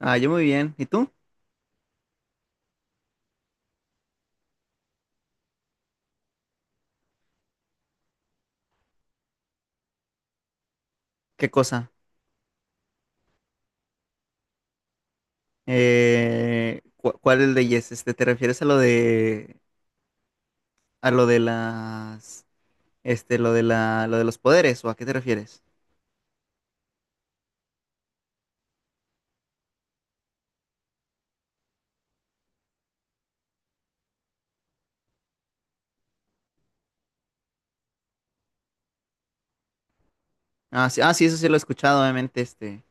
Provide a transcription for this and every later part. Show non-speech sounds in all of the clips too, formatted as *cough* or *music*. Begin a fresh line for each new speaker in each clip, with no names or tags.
Ah, yo muy bien. ¿Y tú? ¿Qué cosa? ¿Cuál leyes? ¿Te refieres a lo de las lo de los poderes o a qué te refieres? Ah, sí, ah, sí, eso sí lo he escuchado, obviamente, este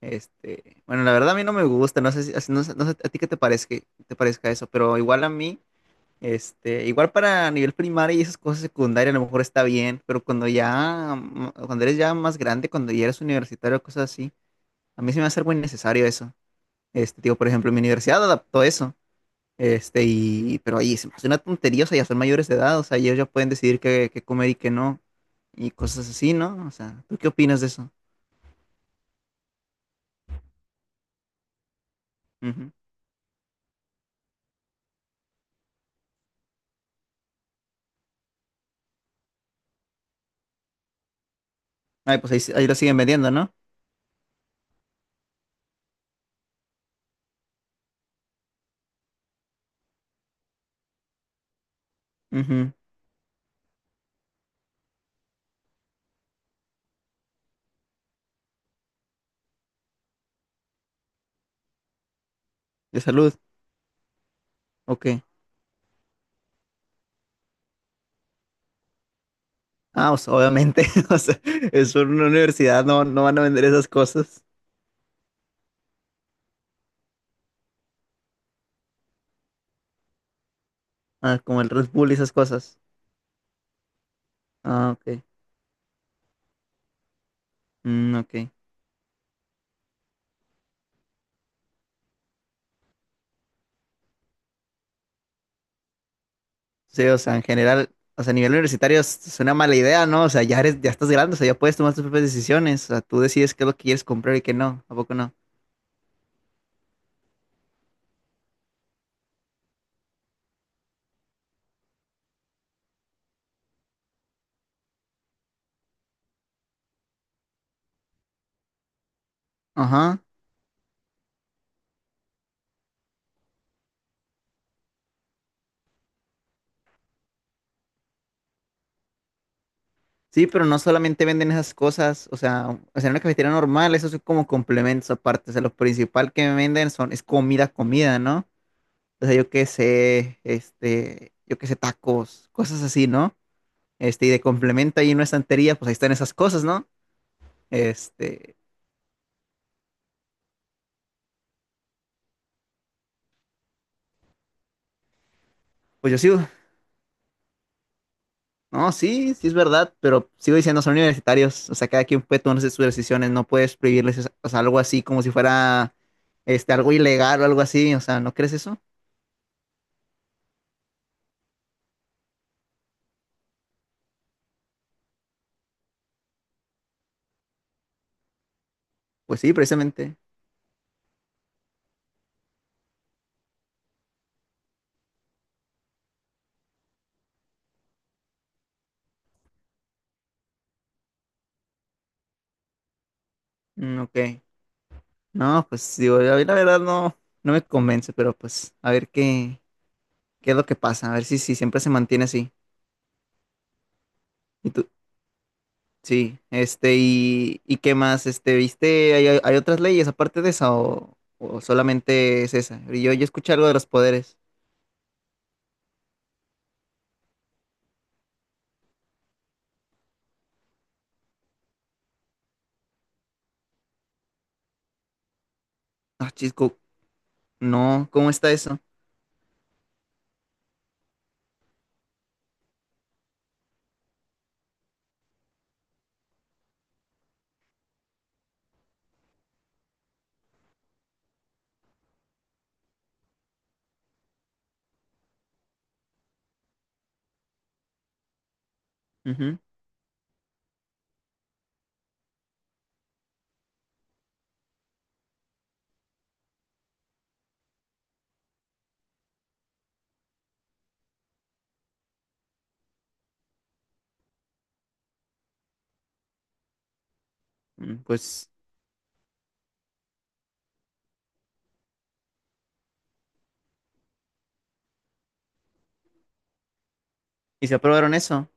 este, bueno, la verdad a mí no me gusta, no, sé no sé a ti qué te parezca eso, pero igual a mí igual para nivel primario y esas cosas secundarias a lo mejor está bien, pero cuando eres ya más grande, cuando ya eres universitario, cosas así, a mí se me hace algo innecesario eso. Digo, por ejemplo, mi universidad adaptó eso. Pero ahí se me hace una tontería, o sea, ya son mayores de edad, o sea, ellos ya pueden decidir qué, qué comer y qué no, y cosas así, ¿no? O sea, ¿tú qué opinas de eso? Ujú. Ay, pues ahí, ahí lo siguen vendiendo, ¿no? Ujú. De salud, ok. Ah, o sea, obviamente, *laughs* o sea, es una universidad, no, no van a vender esas cosas. Ah, como el Red Bull y esas cosas. Ah, ok. Mm, ok. Sí, o sea, en general, o sea, a nivel universitario es una mala idea, ¿no? O sea, ya eres, ya estás grande, o sea, ya puedes tomar tus propias decisiones, o sea, tú decides qué es lo que quieres comprar y qué no, ¿a poco no? Ajá. Sí, pero no solamente venden esas cosas, o sea, en una cafetería normal, eso es como complementos aparte, o sea, lo principal que venden es comida, comida, ¿no? O sea, yo qué sé, yo qué sé, tacos, cosas así, ¿no? Y de complemento ahí en una estantería, pues ahí están esas cosas, ¿no? Este, pues yo sigo. No, sí, sí es verdad, pero sigo diciendo, son universitarios, o sea, cada quien puede tomar sus decisiones, no puedes o sea, algo así como si fuera algo ilegal o algo así, o sea, ¿no crees eso? Pues sí, precisamente. Mm, ok. No, pues digo, a mí la verdad no, no me convence, pero pues a ver qué es lo que pasa, a ver si, si siempre se mantiene así. Y tú, sí, y qué más, ¿viste? ¿Hay, hay otras leyes aparte de esa o solamente es esa? Yo escuché algo de los poderes. Ah, chisco. No, ¿cómo está eso? Ujú, mm, pues, ¿y se aprobaron eso?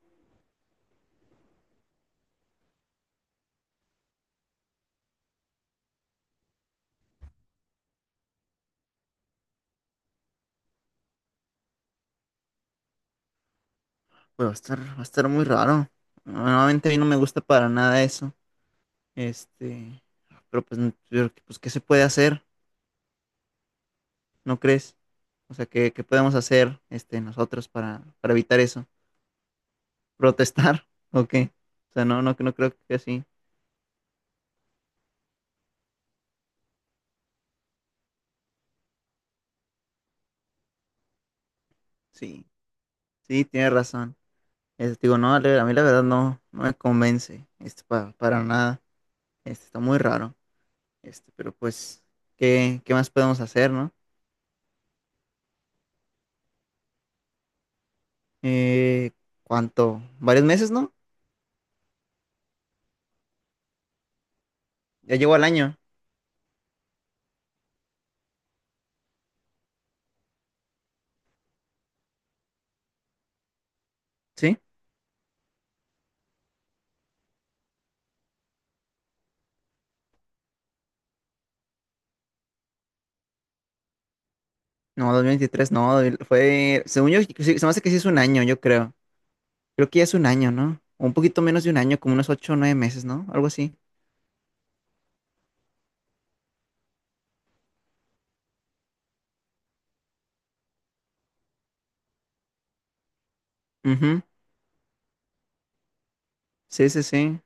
Pues va a estar muy raro. Normalmente a mí no me gusta para nada eso. Este, pero pues, pues ¿qué se puede hacer? ¿No crees? O sea, ¿qué, qué podemos hacer nosotros para evitar eso? ¿Protestar? *laughs* ¿O qué? O sea, no, no, no creo que así. Sí, sí, tienes razón. Digo, no, Ale, a mí la verdad no, no me convence para nada. Está muy raro. Pero pues, ¿qué, qué más podemos hacer, no? Eh, ¿Cuánto? ¿Varios meses, no? Ya llegó al año, ¿sí? No, 2023, no, fue, según yo, sí, se me hace que sí es un año, yo creo. Creo que ya es un año, ¿no? O un poquito menos de un año, como unos ocho o nueve meses, ¿no? Algo así. Ujú. Sí, sí, sí.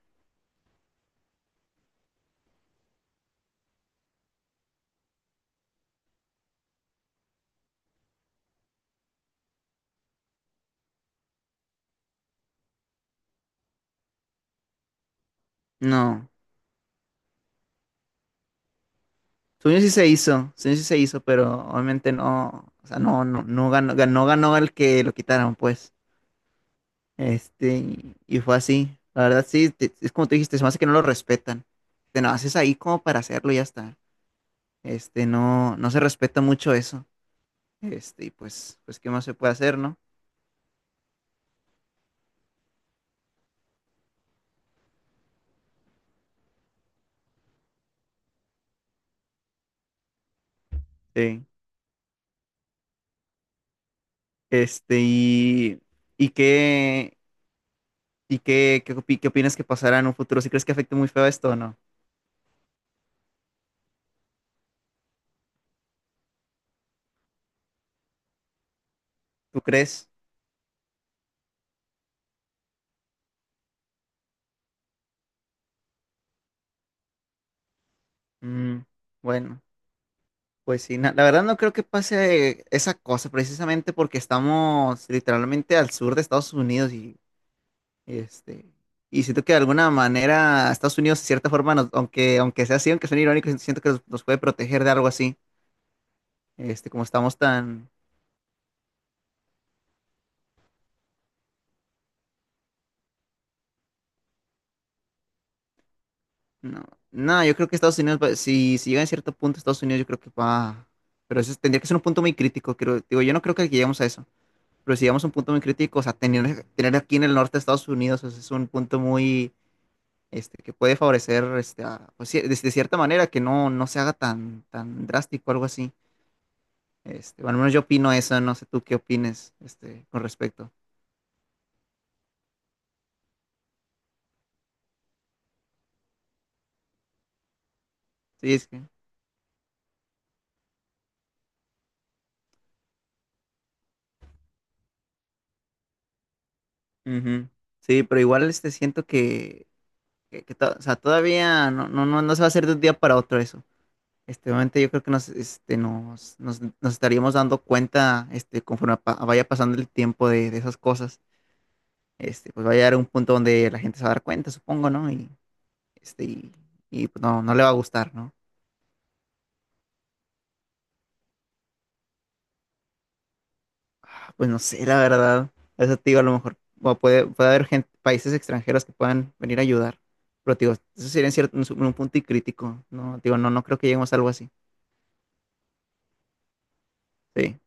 No. Según yo sí se hizo, según yo sí se hizo, pero obviamente no, o sea, no, no, ganó el que lo quitaron, pues. Este, y fue así. La verdad, sí, es como tú dijiste, se me hace que no lo respetan. Te lo haces ahí como para hacerlo y ya está. No, no se respeta mucho eso. Y pues, pues, ¿qué más se puede hacer, no? Sí. Este, y, y qué, ¿qué opinas que pasará en un futuro? ¿Si crees que afecte muy feo esto o no? ¿Tú crees? Mm, bueno, pues sí, la verdad no creo que pase esa cosa, precisamente porque estamos literalmente al sur de Estados Unidos y Este, y siento que de alguna manera Estados Unidos, de cierta forma, aunque, aunque sea así, aunque suene irónico, siento que nos, nos puede proteger de algo así. Como estamos tan... No, no, yo creo que Estados Unidos, si, si llega a cierto punto Estados Unidos, yo creo que va... Pero eso tendría que ser un punto muy crítico. Creo, digo, yo no creo que lleguemos a eso. Pero si llegamos a un punto muy crítico, o sea, tener aquí en el norte de Estados Unidos, o sea, es un punto muy... que puede favorecer, pues, sí, de cierta manera, que no, no se haga tan, tan drástico, algo así. Bueno, al menos yo opino eso, no sé tú qué opines con respecto. Sí, es que. Ujú. Sí, pero igual siento que, o sea, todavía no, no, no, no se va a hacer de un día para otro eso. Obviamente yo creo que nos, nos estaríamos dando cuenta conforme vaya pasando el tiempo de esas cosas. Pues va a llegar un punto donde la gente se va a dar cuenta, supongo, ¿no? Este, y, y, pues no, no le va a gustar, ¿no? Pues no sé, la verdad. Eso te digo, a lo mejor o puede, puede haber gente, países extranjeros que puedan venir a ayudar. Pero te digo, eso sería en cierto, un punto y crítico. No, te digo, no, no creo que lleguemos a algo así. Sí.